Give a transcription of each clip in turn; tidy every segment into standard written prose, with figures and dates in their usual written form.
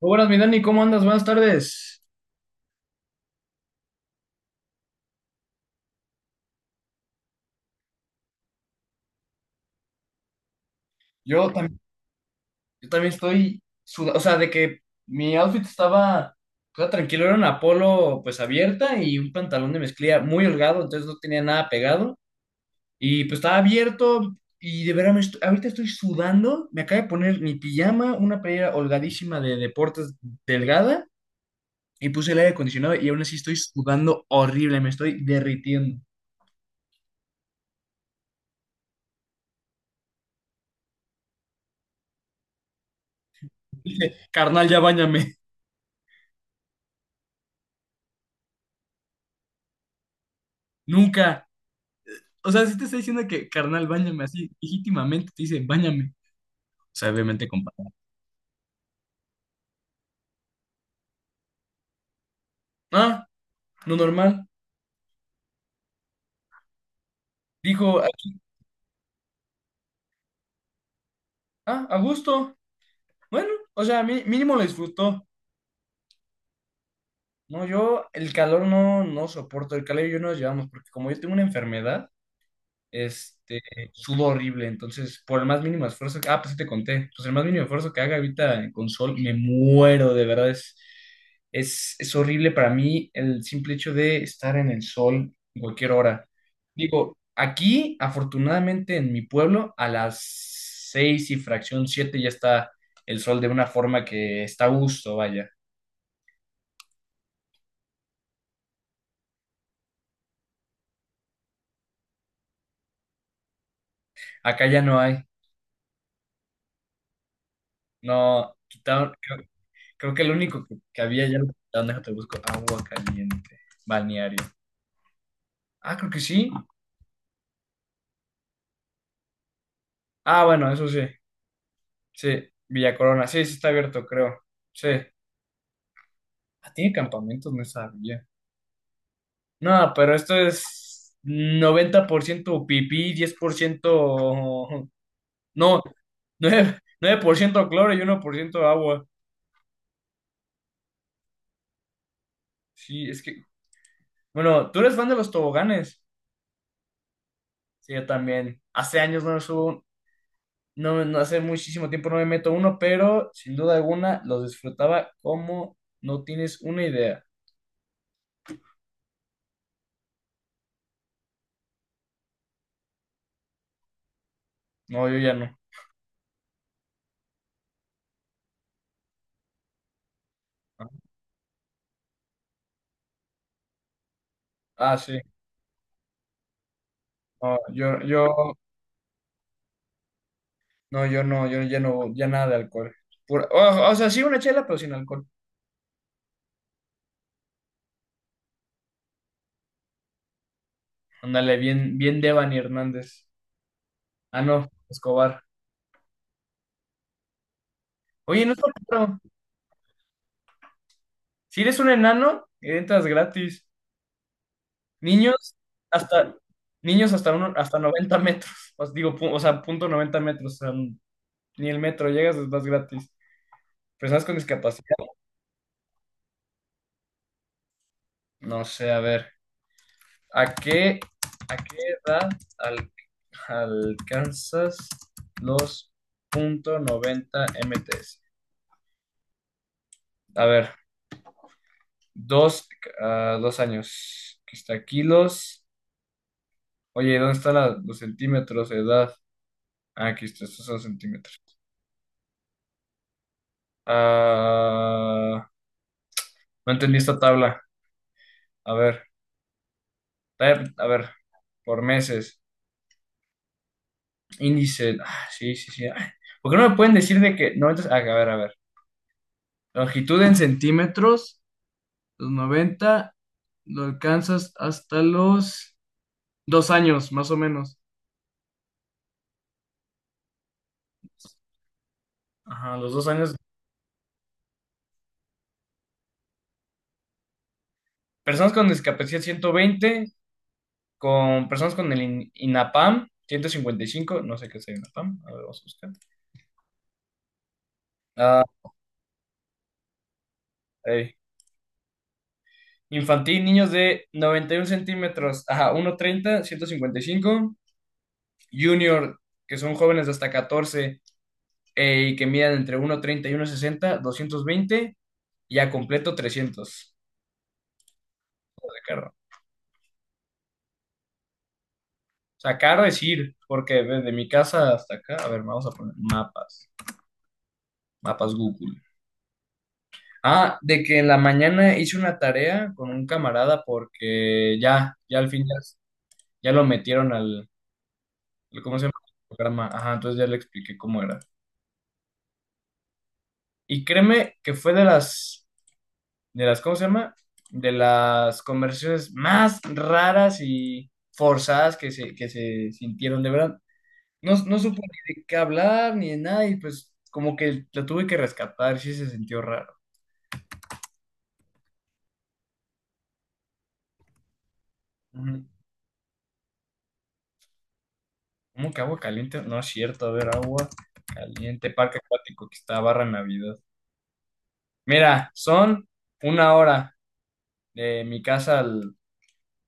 Muy buenas, mi Dani, ¿cómo andas? Buenas tardes. Yo también, yo también estoy sudado, o sea, de que mi outfit estaba tranquilo, era una polo pues abierta y un pantalón de mezclilla muy holgado, entonces no tenía nada pegado y pues estaba abierto y de veras ahorita estoy sudando, me acabo de poner mi pijama, una playera holgadísima de deportes delgada y puse el aire acondicionado y aún así estoy sudando horrible, me estoy derritiendo. Carnal, ya báñame. Nunca. O sea, si te está diciendo que, carnal, báñame así, legítimamente te dice, báñame. O sea, obviamente, compadre. Ah, lo normal. Dijo, ah, ah, a gusto. Bueno, o sea, mínimo lo disfrutó. No, yo el calor no soporto. El calor y yo no nos llevamos porque como yo tengo una enfermedad, este, subo horrible. Entonces, por el más mínimo esfuerzo que, ah, pues sí te conté, pues el más mínimo esfuerzo que haga ahorita en console, me muero, de verdad, es horrible para mí el simple hecho de estar en el sol en cualquier hora. Digo, aquí, afortunadamente, en mi pueblo, a las seis y fracción siete ya está el sol de una forma que está a gusto, vaya. Acá ya no hay. No, quitaron. Creo que el único que había ya lo quitaron, déjate busco. Agua caliente. Balneario. Ah, creo que sí. Ah, bueno, eso sí. Sí. Villa Corona. Sí, sí está abierto, creo. Sí. Ah, tiene campamentos, no sabía. No, pero esto es 90% pipí, 10%. No, nueve por ciento cloro y 1% agua. Sí, es que. Bueno, tú eres fan de los toboganes. Sí, yo también. Hace años no subo. No, no hace muchísimo tiempo no me meto uno, pero sin duda alguna los disfrutaba como no tienes una idea. No, yo ya no. Ah, sí. No, yo ya no, ya nada de alcohol. O sea, sí una chela, pero sin alcohol. Ándale, bien, bien Devani Hernández. Ah, no, Escobar. Oye, no está claro. Si eres un enano, entras gratis. Niños hasta, hasta uno, hasta 90 metros. Os digo, o sea, 0.90 metros. O sea, ni el metro llegas, vas gratis. Personas con discapacidad. No sé, a ver. ¿A qué, a qué edad al- alcanzas los .90 m? A ver, dos, dos años. Aquí está kilos. Oye, ¿dónde están los centímetros de edad? Ah, aquí está, estos son centímetros. Ah, no entendí esta tabla. A ver, a ver, por meses. Índice. Ah, sí, sí, sí. Ay, ¿por qué no me pueden decir de que... No, entonces, ah, a ver, a ver. Longitud en centímetros, los 90 lo alcanzas hasta los 2 años, más o menos. Ajá, los dos años. Personas con discapacidad, 120; con personas con el INAPAM, 155. No sé qué es el INAPAM, a ver, vamos a buscar. Ah, eh Infantil, niños de 91 centímetros, ajá, 1.30, 155. Junior, que son jóvenes de hasta 14 y que midan entre 1.30 y 1.60, 220, y a completo 300 de carro. O sea, caro es ir, porque desde mi casa hasta acá, a ver, vamos a poner mapas, Google. Ah, de que en la mañana hice una tarea con un camarada porque al fin ya lo metieron ¿cómo se llama? Programa. Ajá, entonces ya le expliqué cómo era. Y créeme que fue ¿cómo se llama? De las conversaciones más raras y forzadas que se sintieron, de verdad. No, no supo ni de qué hablar ni de nada y pues como que la tuve que rescatar, sí se sintió raro. Ujú. ¿Cómo que agua caliente? No es cierto, a ver, agua caliente, parque acuático que está barra Navidad. Mira, son una hora de mi casa al,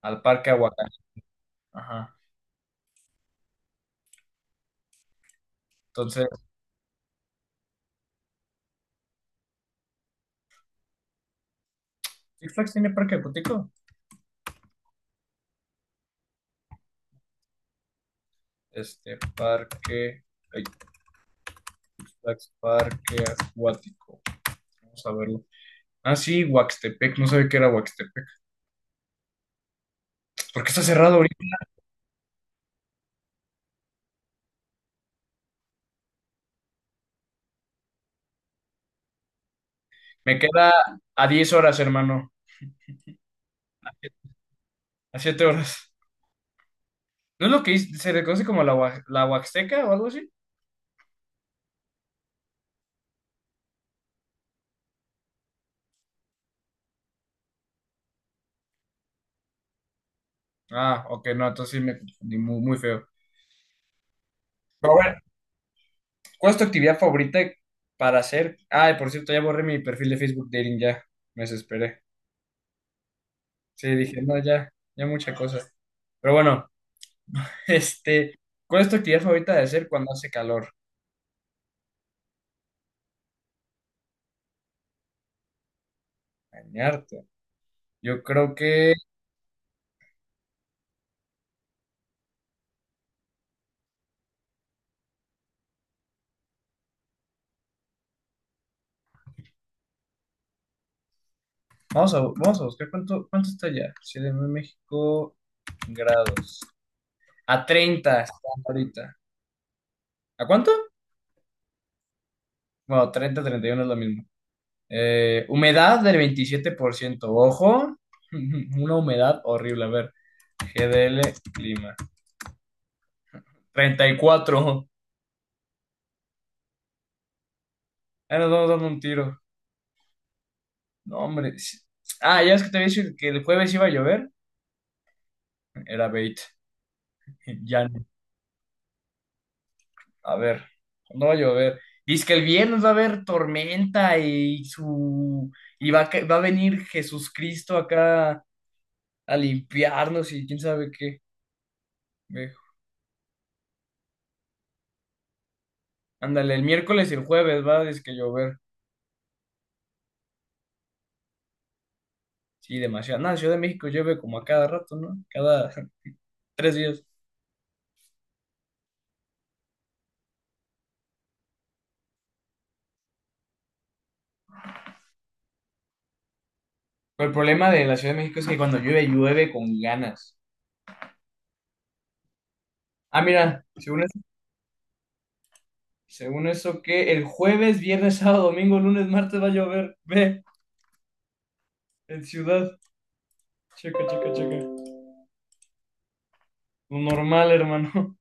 al parque Aguacaliente. Ajá. Entonces, ¿Six Flags tiene parque acuático? Este parque. Ay, Lax Parque Acuático. Vamos a verlo. Ah, sí, Huaxtepec. No sabía que era Huaxtepec. ¿Por qué está cerrado ahorita? Me queda a 10 horas, hermano. A 7 horas. ¿No es lo que se le conoce como la Huaxteca o algo así? Ah, ok, no, entonces sí me confundí muy, muy feo. Pero a ver, ¿cuál es tu actividad favorita para hacer? Ah, por cierto, ya borré mi perfil de Facebook Dating, ya. Me desesperé. Sí, dije, no, ya mucha cosa. Pero bueno, este, ¿cuál es tu actividad favorita de hacer cuando hace calor? Bañarte. Yo creo que vamos a buscar cuánto está ya. Ciudad de México, grados. A 30 está ahorita. ¿A cuánto? Bueno, treinta, 31 es lo mismo. Humedad del 27%. Ojo, una humedad horrible. A ver, GDL, clima. 34. Ahí nos vamos dando un tiro. No, hombre. Sí. Ah, ya es que te había dicho que el jueves iba a llover. Era bait. Ya no. A ver, no va a llover. Dice que el viernes va a haber tormenta y su y va a, ca- va a venir Jesucristo acá a limpiarnos y quién sabe qué. Ve, ándale, el miércoles y el jueves va a que llover. Sí, demasiado. Nada, Ciudad de México llueve como a cada rato, ¿no? Cada 3 días. Pero el problema de la Ciudad de México es que cuando llueve, llueve con ganas. Ah, mira, según eso, que el jueves, viernes, sábado, domingo, lunes, martes va a llover. Ve, en ciudad. Checa, checa, checa. Normal, hermano.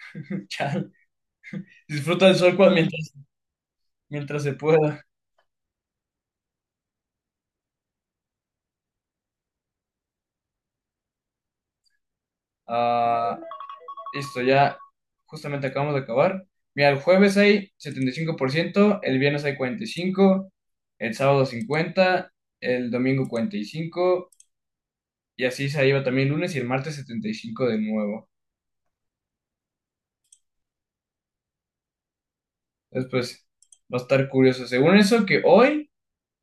Chal. Disfruta del sol mientras se pueda. Ah, listo, ya justamente acabamos de acabar. Mira, el jueves hay 75%, el viernes hay 45%, el sábado 50%, el domingo 45%, y así se iba también el lunes y el martes 75% de nuevo. Después va a estar curioso. Según eso, que hoy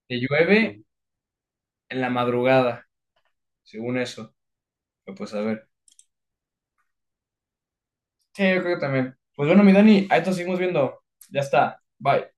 te llueve en la madrugada, según eso. Pero, pues a ver. Sí, yo creo que también. Pues bueno, mi Dani, ahí te seguimos viendo. Ya está. Bye.